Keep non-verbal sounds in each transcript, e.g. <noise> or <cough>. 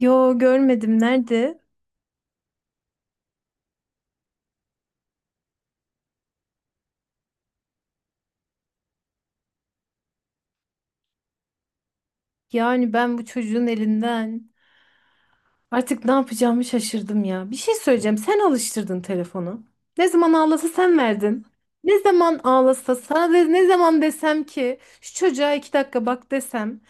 Yo, görmedim, nerede? Yani ben bu çocuğun elinden artık ne yapacağımı şaşırdım ya. Bir şey söyleyeceğim. Sen alıştırdın telefonu. Ne zaman ağlasa sen verdin. Ne zaman ağlasa sana de, ne zaman desem ki şu çocuğa 2 dakika bak desem.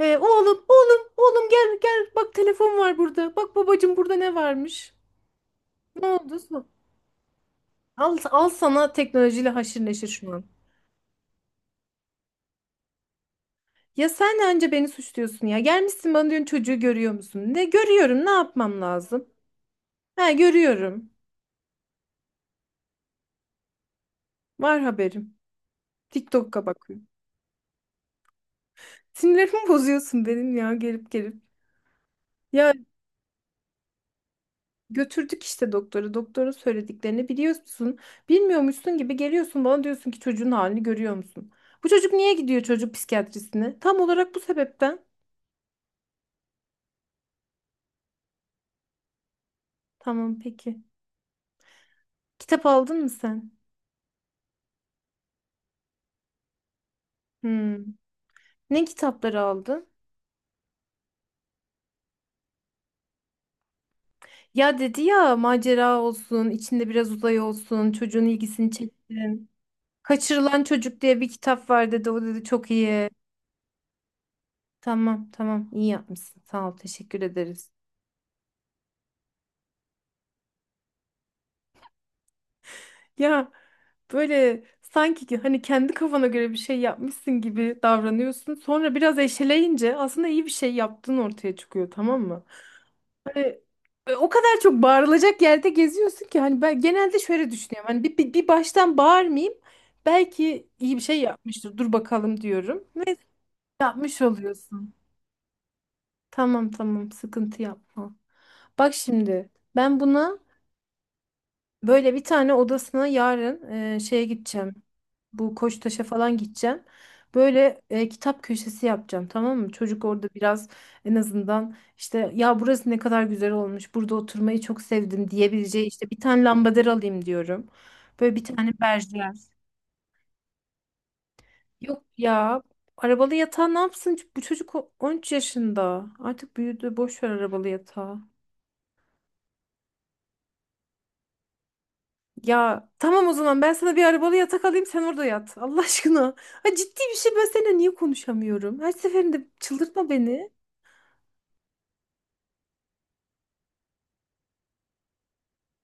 Oğlum oğlum oğlum, gel gel, bak telefon var burada. Bak babacım, burada ne varmış. Ne oldu? Al, al sana teknolojiyle haşır neşir şu an. Ya sen önce beni suçluyorsun ya. Gelmişsin bana diyorsun çocuğu görüyor musun? Ne görüyorum, ne yapmam lazım? Ha, görüyorum. Var haberim. TikTok'a bakıyorum. Sinirlerimi <laughs> bozuyorsun benim ya, gelip gelip. Ya götürdük işte doktora. Doktorun söylediklerini biliyorsun. Bilmiyormuşsun gibi geliyorsun bana, diyorsun ki çocuğun halini görüyor musun? Bu çocuk niye gidiyor çocuk psikiyatrisine? Tam olarak bu sebepten. Tamam, peki. Kitap aldın mı sen? Hmm. Ne kitapları aldın? Ya dedi ya, macera olsun, içinde biraz uzay olsun, çocuğun ilgisini çeksin. Kaçırılan Çocuk diye bir kitap var dedi. O dedi çok iyi. Tamam tamam, iyi yapmışsın. Sağ ol, teşekkür ederiz. Ya böyle sanki ki hani kendi kafana göre bir şey yapmışsın gibi davranıyorsun. Sonra biraz eşeleyince aslında iyi bir şey yaptığın ortaya çıkıyor, tamam mı? E, O kadar çok bağırılacak yerde geziyorsun ki hani ben genelde şöyle düşünüyorum. Hani bir baştan bağırmayayım. Belki iyi bir şey yapmıştır. Dur bakalım diyorum. Ve yapmış oluyorsun. Tamam tamam, sıkıntı yapma. Bak şimdi, ben buna. Böyle bir tane odasına yarın, şeye gideceğim. Bu Koçtaş'a falan gideceğim. Böyle, kitap köşesi yapacağım, tamam mı? Çocuk orada biraz en azından, işte ya burası ne kadar güzel olmuş, burada oturmayı çok sevdim diyebileceği, işte bir tane lambader alayım diyorum. Böyle bir tane berjer. Yok ya, arabalı yatağı ne yapsın? Bu çocuk 13 yaşında. Artık büyüdü. Boş ver arabalı yatağı. Ya tamam, o zaman ben sana bir arabalı yatak alayım, sen orada yat. Allah aşkına. Ha, ciddi bir şey, ben seninle niye konuşamıyorum? Her seferinde çıldırtma beni.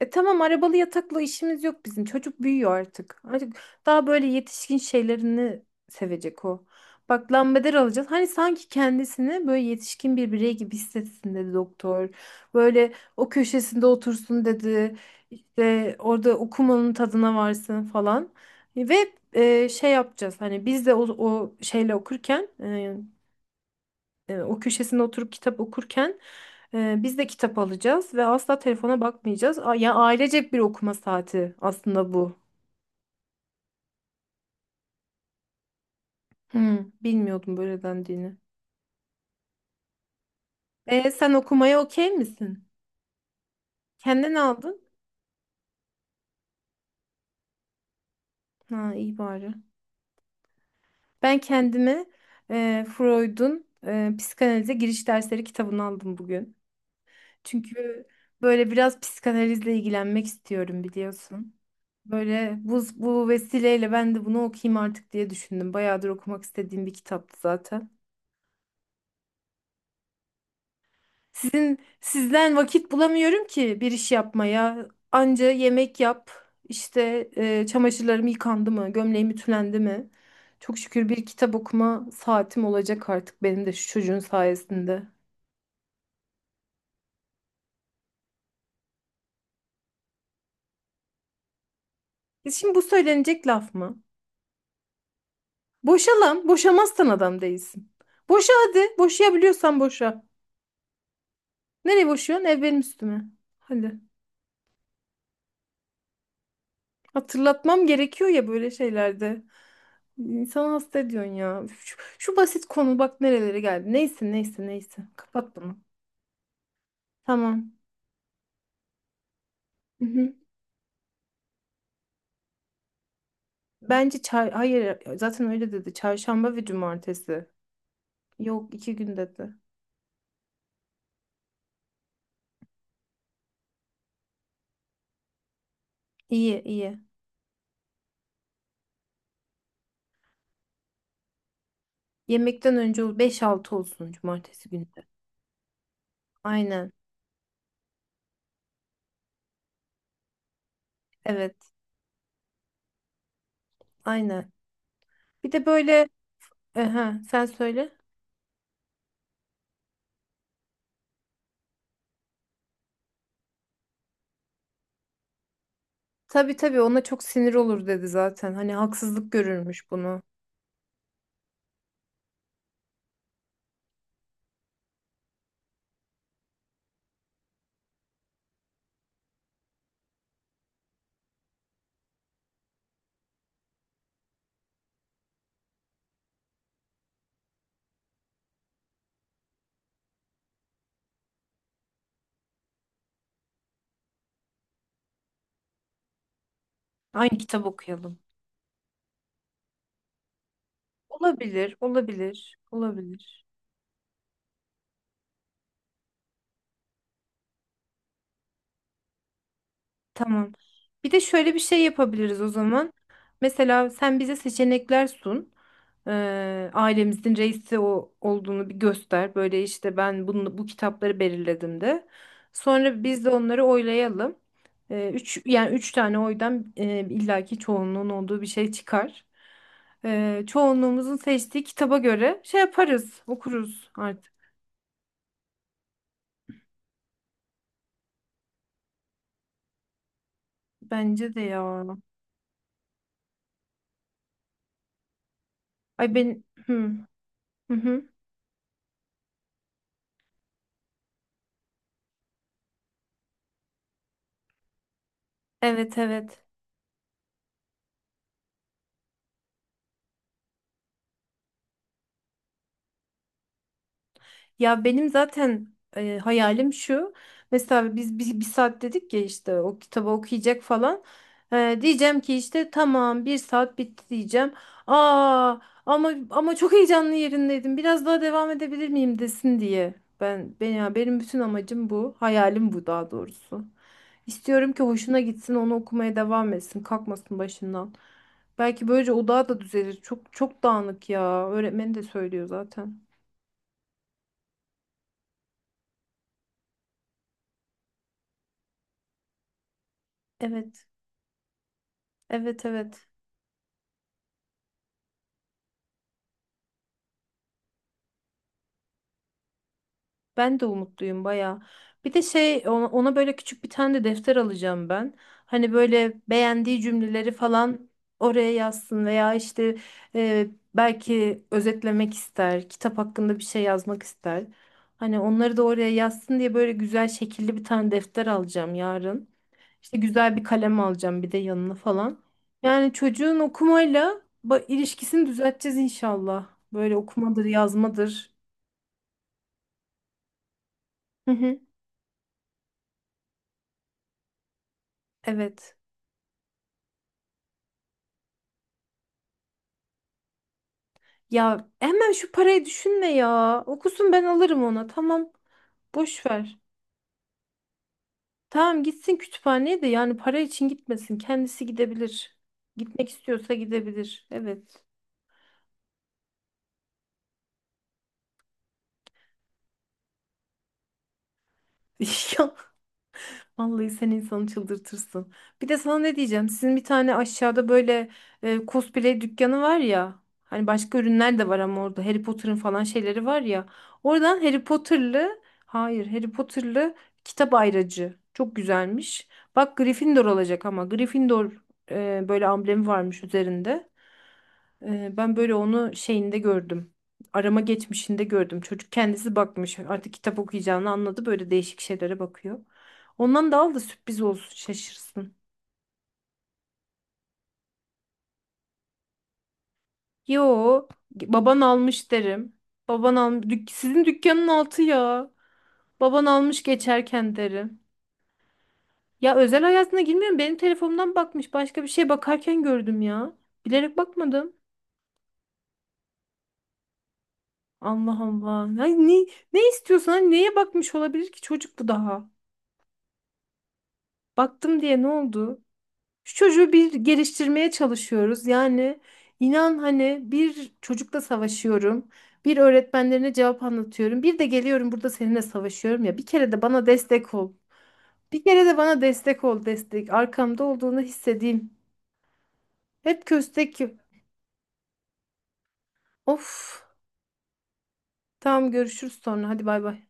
E tamam, arabalı yatakla işimiz yok bizim. Çocuk büyüyor artık. Artık daha böyle yetişkin şeylerini sevecek o. Bak, lambader alacağız. Hani sanki kendisini böyle yetişkin bir birey gibi hissetsin dedi doktor. Böyle o köşesinde otursun dedi. İşte orada okumanın tadına varsın falan. Ve şey yapacağız. Hani biz de o şeyle okurken, o köşesine oturup kitap okurken biz de kitap alacağız ve asla telefona bakmayacağız. Ya ailecek bir okuma saati aslında bu. Bilmiyordum böyle dendiğini. Sen okumaya okey misin? Kendin aldın. Ha, iyi bari. Ben kendime Freud'un psikanalize giriş dersleri kitabını aldım bugün. Çünkü böyle biraz psikanalizle ilgilenmek istiyorum, biliyorsun. Böyle bu vesileyle ben de bunu okuyayım artık diye düşündüm. Bayağıdır okumak istediğim bir kitaptı zaten. Sizin sizden vakit bulamıyorum ki bir iş yapmaya. Anca yemek yap, işte çamaşırlarım yıkandı mı, gömleğim ütülendi mi? Çok şükür bir kitap okuma saatim olacak artık benim de şu çocuğun sayesinde. Şimdi bu söylenecek laf mı? Boşa lan, boşamazsan adam değilsin. Boşa hadi, boşayabiliyorsan boşa. Nereye boşuyorsun? Ev benim üstüme. Hadi. Hatırlatmam gerekiyor ya böyle şeylerde. İnsanı hasta ediyorsun ya. Şu basit konu bak nerelere geldi. Neyse neyse neyse. Kapat bunu. Tamam. Hı hı. Bence hayır, zaten öyle dedi. Çarşamba ve cumartesi. Yok, 2 gün dedi. İyi iyi. Yemekten önce 5-6 olsun cumartesi günü de. Aynen. Evet. Aynen. Bir de böyle. Aha, sen söyle. Tabii tabii, ona çok sinir olur dedi zaten. Hani haksızlık görürmüş bunu. Aynı kitap okuyalım. Olabilir, olabilir, olabilir. Tamam. Bir de şöyle bir şey yapabiliriz o zaman. Mesela sen bize seçenekler sun. Ailemizin reisi o olduğunu bir göster. Böyle işte, ben bunu, bu kitapları belirledim de. Sonra biz de onları oylayalım. Üç, yani üç tane oydan illaki çoğunluğun olduğu bir şey çıkar. Çoğunluğumuzun seçtiği kitaba göre şey yaparız, okuruz artık. Bence de ya. Ay ben. Hı, hı hı. Evet evet. Ya benim zaten hayalim şu. Mesela biz bir saat dedik ya işte, o kitabı okuyacak falan. Diyeceğim ki işte tamam 1 saat bitti diyeceğim. Aa, ama çok heyecanlı yerindeydim. Biraz daha devam edebilir miyim desin diye. Ben ya, benim bütün amacım bu. Hayalim bu daha doğrusu. İstiyorum ki hoşuna gitsin, onu okumaya devam etsin, kalkmasın başından. Belki böylece odağı da düzelir. Çok çok dağınık ya. Öğretmen de söylüyor zaten. Evet, evet, evet. Ben de umutluyum bayağı. Bir de şey ona böyle küçük bir tane de defter alacağım ben. Hani böyle beğendiği cümleleri falan oraya yazsın veya işte e, belki özetlemek ister, kitap hakkında bir şey yazmak ister. Hani onları da oraya yazsın diye böyle güzel şekilli bir tane defter alacağım yarın. İşte güzel bir kalem alacağım bir de yanına falan. Yani çocuğun okumayla ilişkisini düzelteceğiz inşallah. Böyle okumadır, yazmadır. Hı hı. Evet. Ya hemen şu parayı düşünme ya. Okusun, ben alırım ona. Tamam. Boş ver. Tamam, gitsin kütüphaneye de, yani para için gitmesin. Kendisi gidebilir. Gitmek istiyorsa gidebilir. Evet. <laughs> Ya, vallahi sen insanı çıldırtırsın. Bir de sana ne diyeceğim? Sizin bir tane aşağıda böyle cosplay dükkanı var ya. Hani başka ürünler de var ama orada Harry Potter'ın falan şeyleri var ya. Oradan Harry Potter'lı, hayır Harry Potter'lı kitap ayracı. Çok güzelmiş. Bak Gryffindor olacak ama Gryffindor böyle amblemi varmış üzerinde. Ben böyle onu şeyinde gördüm. Arama geçmişinde gördüm. Çocuk kendisi bakmış. Artık kitap okuyacağını anladı. Böyle değişik şeylere bakıyor. Ondan da al da sürpriz olsun, şaşırsın. Yo, baban almış derim. Baban al, sizin dükkanın altı ya. Baban almış geçerken derim. Ya özel hayatına girmiyorum. Benim telefonumdan bakmış. Başka bir şey bakarken gördüm ya. Bilerek bakmadım. Allah Allah. Ya ne istiyorsan neye bakmış olabilir ki çocuk bu daha? Baktım diye ne oldu? Şu çocuğu bir geliştirmeye çalışıyoruz. Yani inan hani bir çocukla savaşıyorum. Bir öğretmenlerine cevap anlatıyorum. Bir de geliyorum burada seninle savaşıyorum ya. Bir kere de bana destek ol. Bir kere de bana destek ol destek. Arkamda olduğunu hissedeyim. Hep köstek. Of. Tamam, görüşürüz sonra. Hadi bay bay.